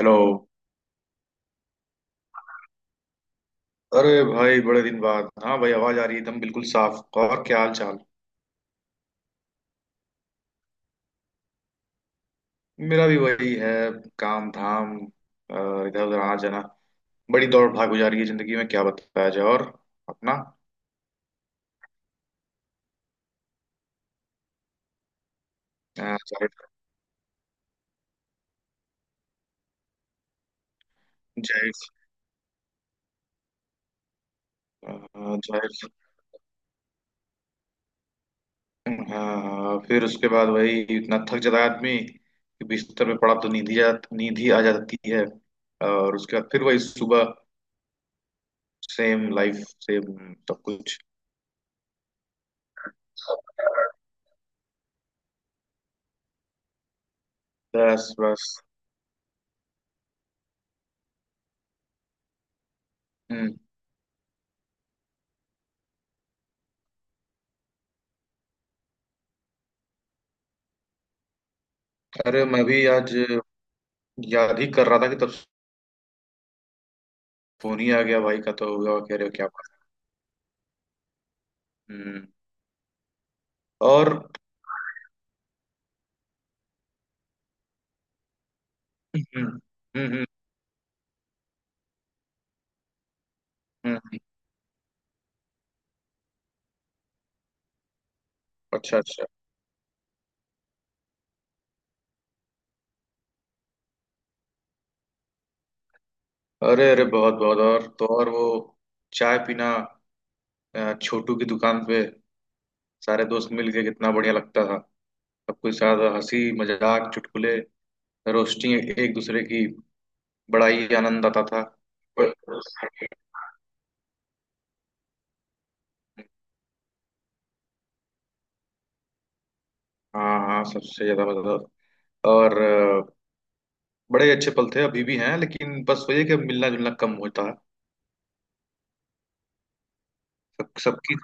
Hello. अरे भाई बड़े दिन बाद। हाँ भाई, आवाज आ रही है एकदम बिल्कुल साफ। और क्या हाल चाल। मेरा भी वही है, काम धाम और इधर उधर आना जाना। बड़ी दौड़ भाग हो जा रही है जिंदगी में, क्या बताया जाए। और अपना जाहिर। जाहिर। जाहिर। हाँ, फिर उसके बाद वही, इतना थक जाता है आदमी कि बिस्तर पे पड़ा तो नींद ही आ जाती है। और उसके बाद फिर वही सुबह। सेम लाइफ, सेम सब कुछ। बस बस। हम्म। अरे मैं भी आज याद ही कर रहा था कि तब फोन ही आ गया भाई का, तो हुआ कह रहे हो क्या बात। हम्म। और। हम्म। हम्म। हम्म, हम्म, अच्छा अच्छा। अरे अरे बहुत बहुत। और तो और वो चाय पीना, छोटू की दुकान पे, सारे दोस्त मिल के कितना बढ़िया लगता था। सबके साथ हंसी मजाक चुटकुले, रोस्टिंग एक एक दूसरे की, बड़ा ही आनंद आता था। हाँ हाँ, सबसे ज्यादा मजा। और बड़े अच्छे पल थे, अभी भी हैं, लेकिन बस वही है कि अब मिलना जुलना कम होता है। सब सबकी।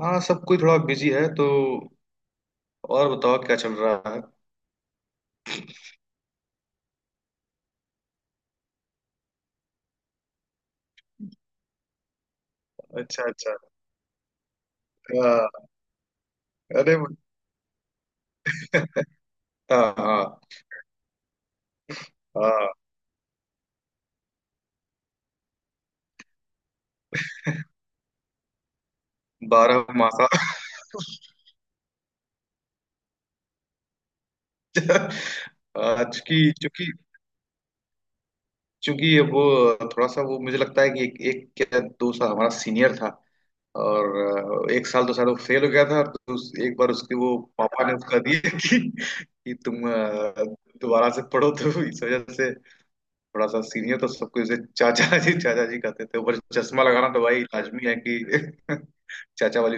हाँ, सब कोई थोड़ा बिजी है तो। और बताओ क्या चल रहा है। अच्छा अच्छा। हाँ। अरे हाँ हाँ हाँ। बारह मासा। आज की चूंकि, चूंकि वो थोड़ा सा वो मुझे लगता है कि एक क्या दो साल हमारा सीनियर था। और एक साल तो शायद वो फेल हो गया था, और एक बार उसके वो पापा ने उसका दिया कि तुम दोबारा से पढ़ो, तो इस वजह से थोड़ा सा सीनियर तो सबको जैसे चाचा जी कहते थे, ऊपर से चश्मा लगाना तो भाई लाजमी है कि चाचा वाली।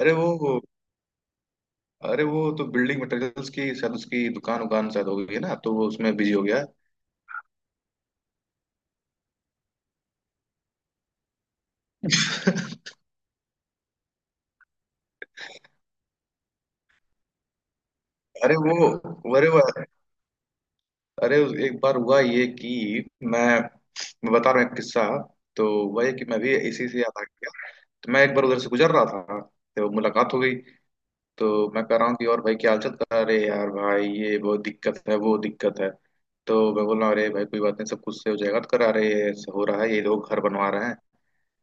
अरे वो। अरे वो तो बिल्डिंग मटेरियल्स की शायद उसकी दुकान उकान शायद हो गई है ना, तो वो उसमें बिजी हो गया। अरे वो। अरे वो। एक बार हुआ ये कि मैं मैं बता रहा हूँ एक किस्सा। तो हुआ ये कि मैं भी इसी से याद आ गया। तो मैं एक बार उधर से गुजर रहा था, तो मुलाकात हो गई। तो मैं कह रहा हूँ कि और भाई क्या हाल चाल कर, अरे यार भाई ये बहुत दिक्कत है वो दिक्कत है। तो मैं बोल रहा हूँ अरे भाई कोई बात नहीं, सब कुछ से हो जाएगा। तो करा रहे हो रहा है, ये लोग घर बनवा रहे हैं,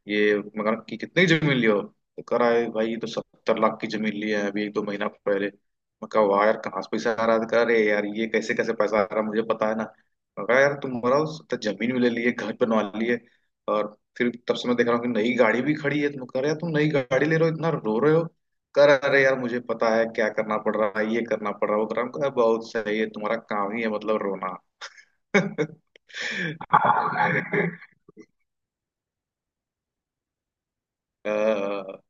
ये मगर कि कितनी जमीन लियो, तो कह रहा है भाई ये तो सत्तर लाख की जमीन ली है अभी एक दो महीना पहले। मैं कहा वाह यार, कहाँ से पैसा आ रहा है। तो कह रहे यार, ये कैसे कैसे पैसा आ रहा है मुझे पता है ना। मैं कहा यार तुम मराओ। तो जमीन भी ले लिए, घर बनवा लिए, और फिर तब से मैं देख रहा हूँ कि नई गाड़ी भी खड़ी है। तुम कह रहे यार तुम नई गाड़ी ले रहे हो इतना रो रहे हो। कह रहे अरे यार मुझे पता है क्या करना पड़ रहा है, ये करना पड़ रहा है, वो कर रहा है। मैं कहा, बहुत सही है, तुम्हारा काम ही है मतलब रोना। तो मैंने कहा, "अ,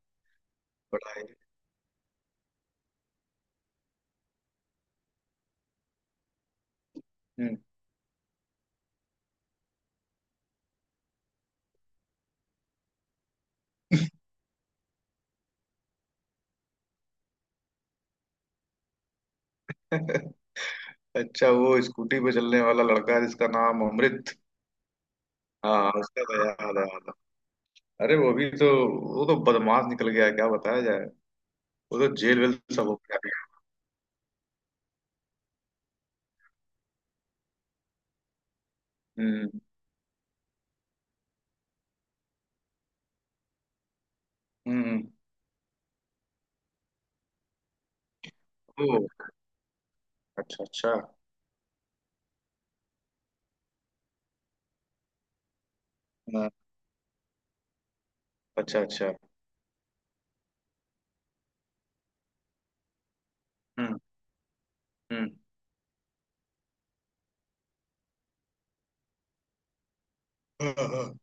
बड़ा है। हम्म। अच्छा वो स्कूटी पे चलने वाला लड़का जिसका नाम अमृत। हाँ, उसका तो याद है याद है। अरे वो भी तो। वो तो बदमाश निकल गया, क्या बताया जाए। वो तो जेल वेल सब हो गया। हम्म। हम्म। हम्म। ओ अच्छा अच्छा। हाँ। अच्छा अच्छा। हम्म हम्म। हाँ, हाँ।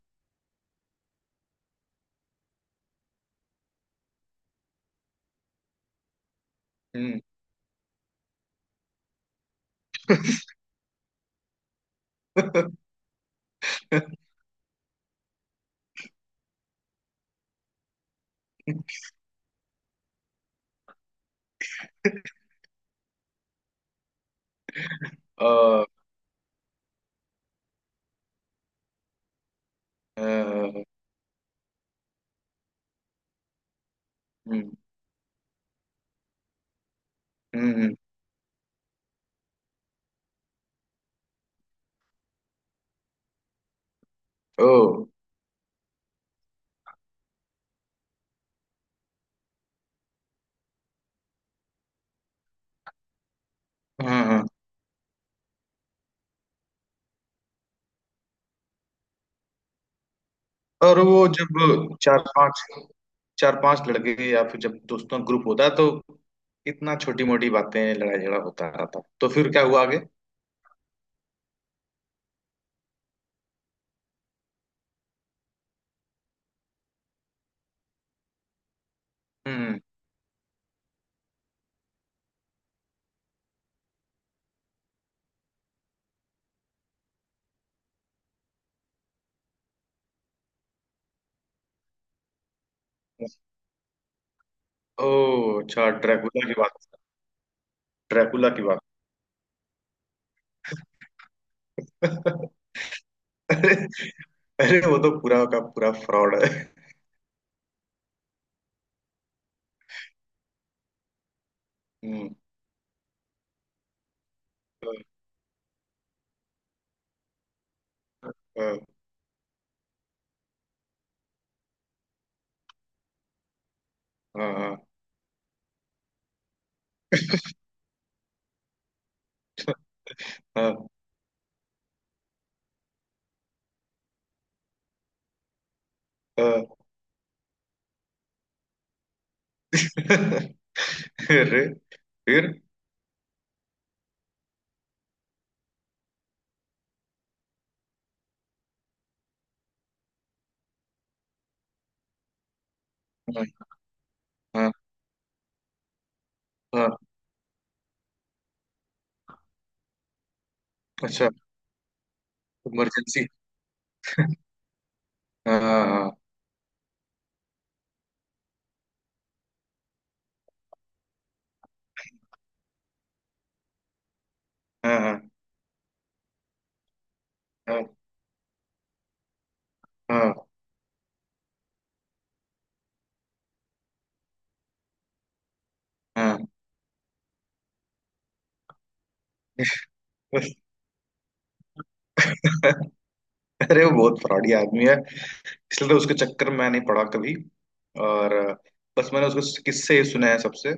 हम्म। अ, अ, हम्म। हम्म। ओ हाँ हाँ। और वो जब चार पांच लड़के या फिर जब दोस्तों का ग्रुप होता है, तो इतना छोटी मोटी बातें लड़ाई झगड़ा होता रहता, तो फिर क्या हुआ आगे। हम्म। ओ अच्छा, ड्रैकुला की बात। ड्रैकुला की बात। अरे। अरे वो तो पूरा का पूरा फ्रॉड है। हम्म। हाँ हाँ हाँ। हाँ, अरे फिर। हाँ। हाँ, हाँ, अच्छा इमरजेंसी। हाँ हाँ हाँ हाँ हाँ हाँ हाँ। अरे वो बहुत फ्रॉडी आदमी है, इसलिए तो उसके चक्कर में नहीं पड़ा कभी। और बस मैंने उसके किस्से ही सुने हैं सबसे,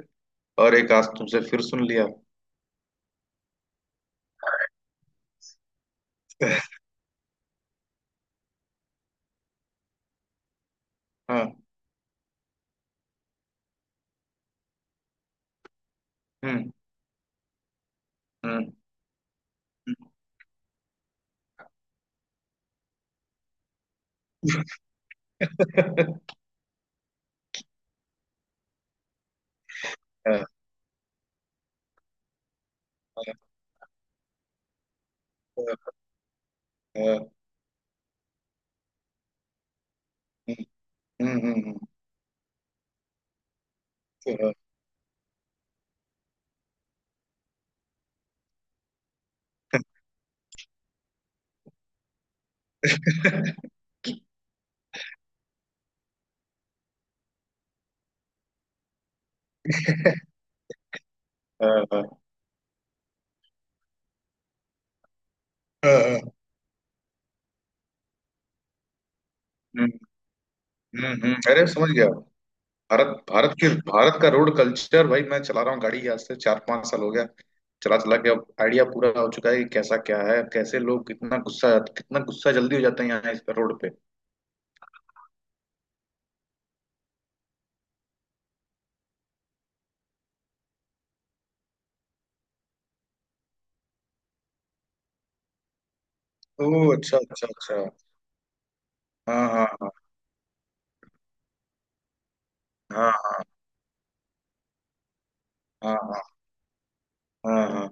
और एक आज तुमसे फिर सुन लिया। हाँ। हम्म। हम्म। हम्म। हाँ, हाँ, हाँ। हम्म, हम्म। हाँ, हाँ, हाँ, हाँ, हाँ। हम्म, अरे समझ गया। भारत भारत की भारत का रोड कल्चर भाई, मैं चला रहा हूँ गाड़ी आज से चार पांच साल हो गया। चला चला के अब आइडिया पूरा हो चुका है कि कैसा क्या है, कैसे लोग कितना गुस्सा जल्दी हो जाते हैं यहाँ इस पे रोड पे। ओह अच्छा अच्छा अच्छा। हाँ हाँ हाँ हाँ हाँ हाँ हाँ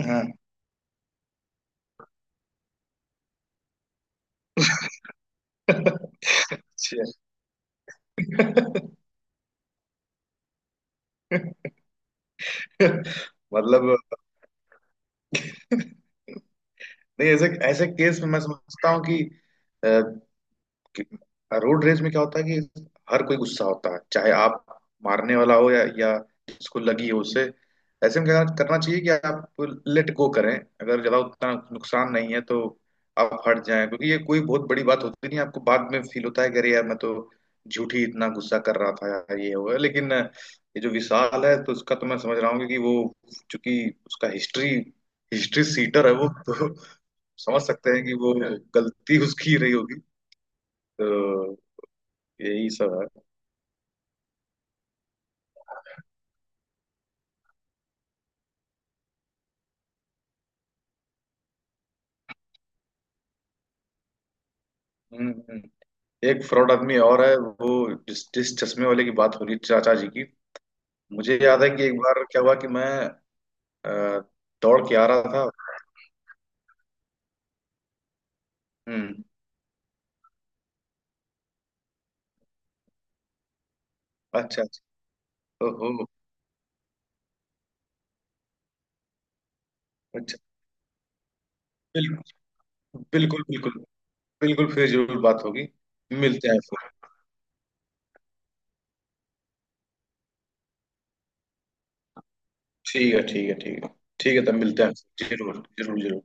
हाँ हाँ। अच्छा। मतलब, नहीं, ऐसे ऐसे केस में मैं समझता हूँ कि कि रोड रेज में क्या होता है कि हर कोई गुस्सा होता है, चाहे आप मारने वाला हो या जिसको लगी हो उसे। ऐसे में क्या करना चाहिए कि आप लेट गो करें, अगर ज्यादा उतना नुकसान नहीं है तो आप हट जाएं, क्योंकि ये कोई बहुत बड़ी बात होती नहीं है, आपको बाद में फील होता है कि अरे यार मैं तो झूठी इतना गुस्सा कर रहा था यार ये हुआ। लेकिन ये जो विशाल है तो उसका तो मैं समझ रहा हूँ कि वो, चूंकि उसका हिस्ट्री हिस्ट्री सीटर है, वो तो समझ सकते हैं कि वो गलती उसकी रही होगी। तो यही सब है। हम्म। हम्म। एक फ्रॉड आदमी और है वो, जिस जिस चश्मे वाले की बात हो रही चाचा जी की। मुझे याद है कि एक बार क्या हुआ कि मैं अ, दौड़ के आ रहा था। हम्म। अच्छा अच्छा। ओहो। अच्छा। बिल्कुल। बिल्कुल बिल्कुल। बिल्कुल, फिर जरूर बात होगी। मिलते हैं फिर। ठीक है ठीक है ठीक है। ठीक है, तब मिलते हैं। जरूर जरूर जरूर।